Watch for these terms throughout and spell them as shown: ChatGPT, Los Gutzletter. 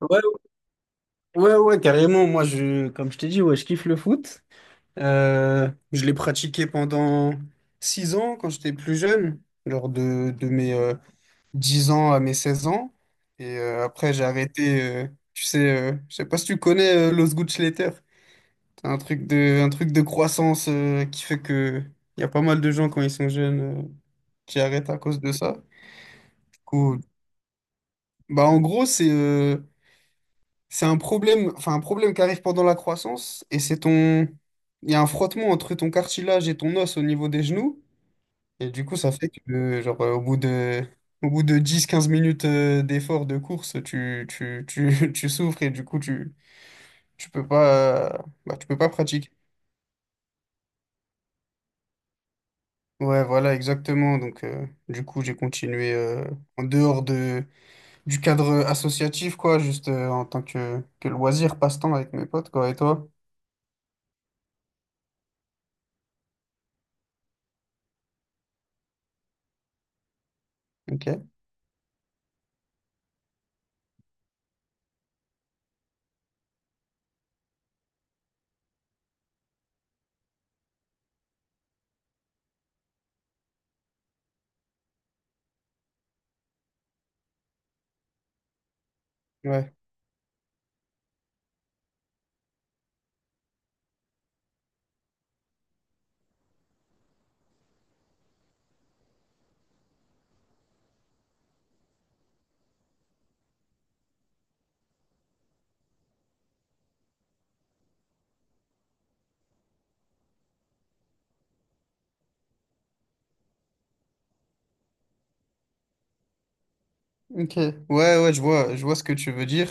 Ouais, ouais, carrément. Moi, comme je t'ai dit, ouais, je kiffe le foot. Je l'ai pratiqué pendant 6 ans quand j'étais plus jeune, lors de mes 10 ans à mes 16 ans. Et après, j'ai arrêté. Tu sais, je sais pas si tu connais Los Gutzletter. C'est un truc de croissance qui fait que il y a pas mal de gens quand ils sont jeunes qui arrêtent à cause de ça. Du coup, bah, en gros, c'est un problème, enfin un problème qui arrive pendant la croissance et il y a un frottement entre ton cartilage et ton os au niveau des genoux et du coup ça fait que genre au bout de dix quinze minutes d'effort de course tu souffres et du coup tu peux pas bah, tu peux pas pratiquer. Ouais, voilà exactement. Donc du coup, j'ai continué en dehors de du cadre associatif quoi, juste en tant que loisir, passe-temps avec mes potes quoi. Et toi? OK. Ouais. Ok, ouais, je vois ce que tu veux dire.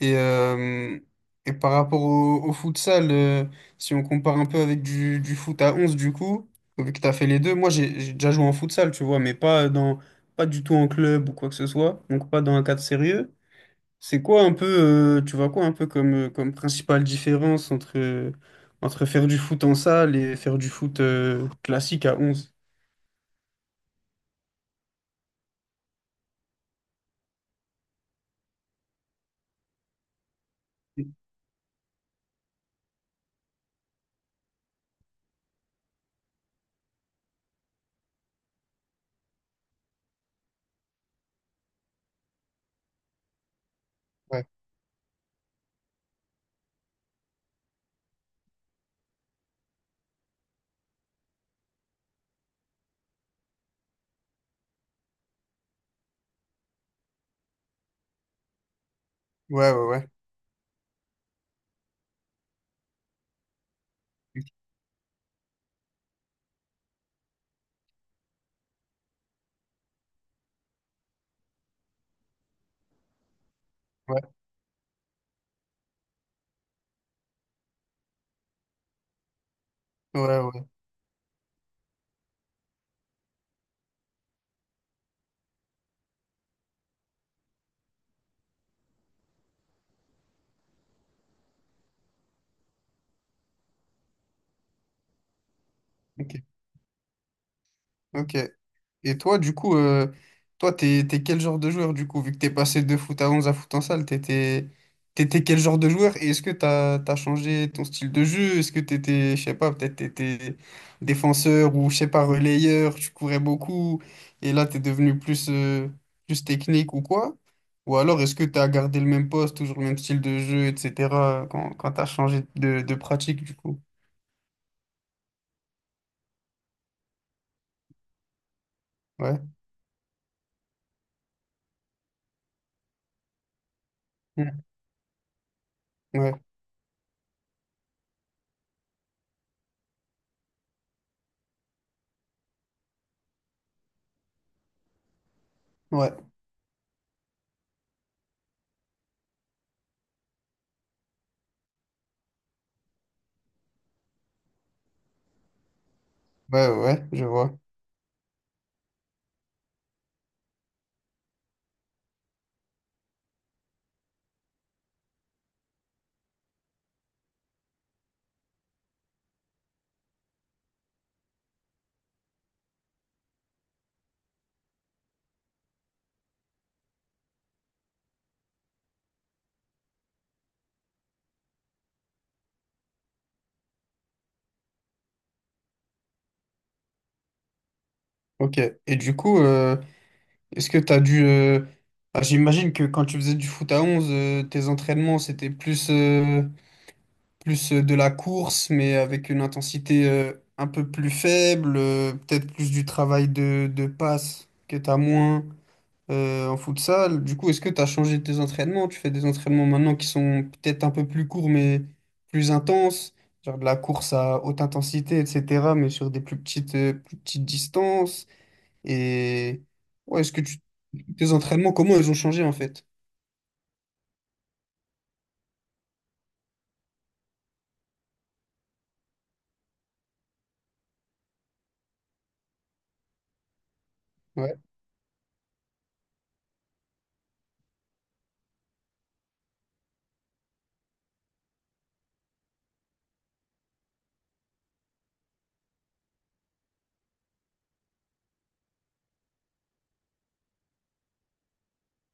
Et, euh, et par rapport au, au futsal, si on compare un peu avec du foot à 11 du coup, vu que tu as fait les deux, moi j'ai déjà joué en futsal, tu vois, mais pas du tout en club ou quoi que ce soit, donc pas dans un cadre sérieux. C'est quoi un peu, tu vois quoi un peu comme principale différence entre faire du foot en salle et faire du foot, classique à onze. Ouais, ouais. Ouais, ouais. Ok, ok. Et toi, du coup, toi, t'es quel genre de joueur, du coup, vu que t'es passé de foot à 11 à foot en salle, t'étais quel genre de joueur? Et est-ce que t'as changé ton style de jeu? Est-ce que t'étais, je sais pas, peut-être t'étais défenseur ou, je sais pas, relayeur, tu courais beaucoup, et là, t'es devenu plus, plus technique ou quoi? Ou alors, est-ce que t'as gardé le même poste, toujours le même style de jeu, etc., quand t'as changé de pratique, du coup? Ouais. Mm. Ouais, ouais, ouais, je vois. Ok. Et du coup, est-ce que tu as dû... ah, j'imagine que quand tu faisais du foot à 11, tes entraînements, c'était plus, de la course, mais avec une intensité un peu plus faible, peut-être plus du travail de passe que tu as moins en futsal. Du coup, est-ce que tu as changé tes entraînements? Tu fais des entraînements maintenant qui sont peut-être un peu plus courts, mais plus intenses, genre de la course à haute intensité, etc., mais sur des plus petites distances. Et ouais, est-ce que tu... tes entraînements, comment ils ont changé en fait? Ouais,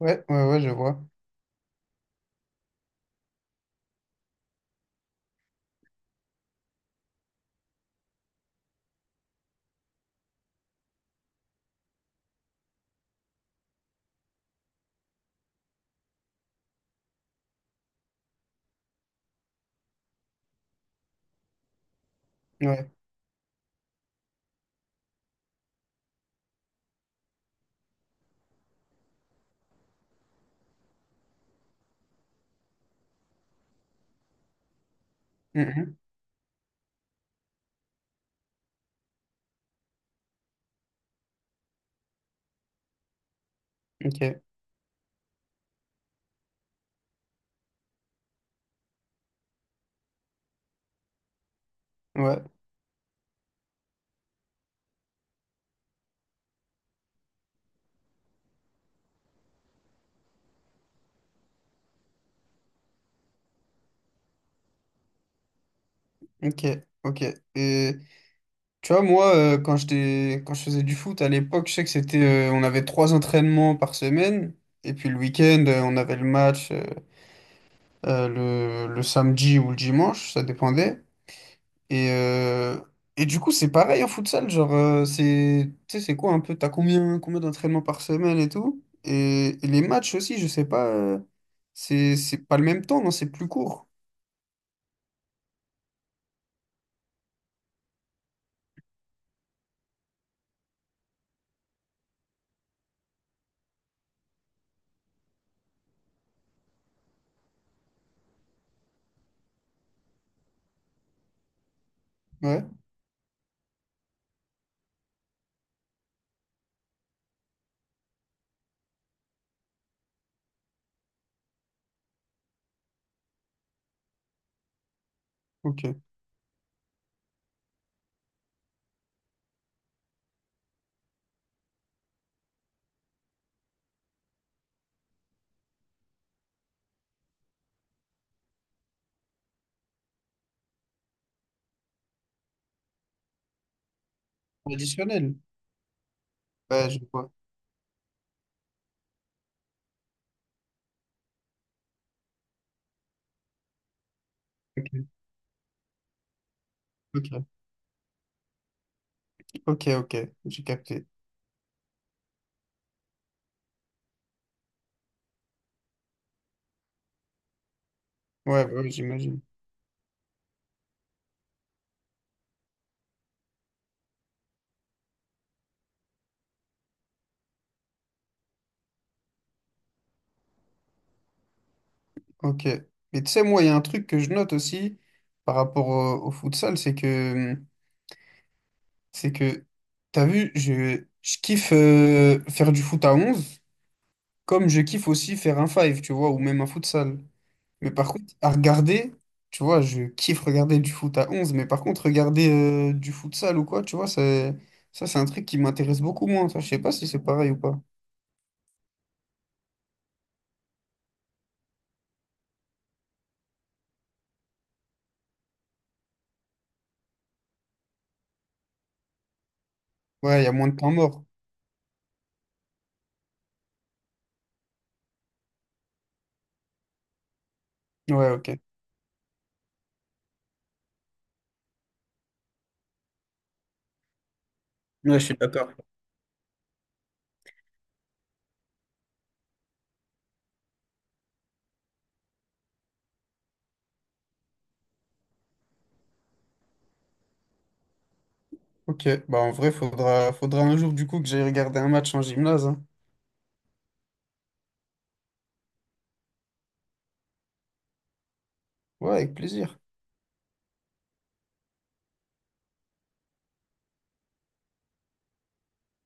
ouais, je vois. Ouais. Mhm. Ok, ouais, ok, ok. Et tu vois, moi, quand j'étais, quand je faisais du foot à l'époque, je sais que c'était, on avait trois entraînements par semaine. Et puis le week-end, on avait le match euh, le samedi ou le dimanche, ça dépendait. Et, euh, et du coup, c'est pareil en futsal, genre, c'est, tu sais, c'est quoi un peu, combien d'entraînements par semaine et tout? Et les matchs aussi, je sais pas, c'est pas le même temps, non, c'est plus court. Ouais, ok. Additionnel. Ouais, je vois. Ok, ok, ok, j'ai capté. Ouais, bah ouais, j'imagine. Ok. Mais tu sais, moi, il y a un truc que je note aussi par rapport au futsal, c'est que, t'as vu, je kiffe faire du foot à onze, comme je kiffe aussi faire un five, tu vois, ou même un futsal. Mais par contre, à regarder, tu vois, je kiffe regarder du foot à 11. Mais par contre, regarder du futsal ou quoi, tu vois, ça, c'est un truc qui m'intéresse beaucoup moins. Ça, je sais pas si c'est pareil ou pas. Ouais, il y a moins de temps mort. Ouais, ok. Ouais, je suis d'accord. Ok, bah en vrai, faudra un jour du coup que j'aille regarder un match en gymnase, hein. Ouais, avec plaisir.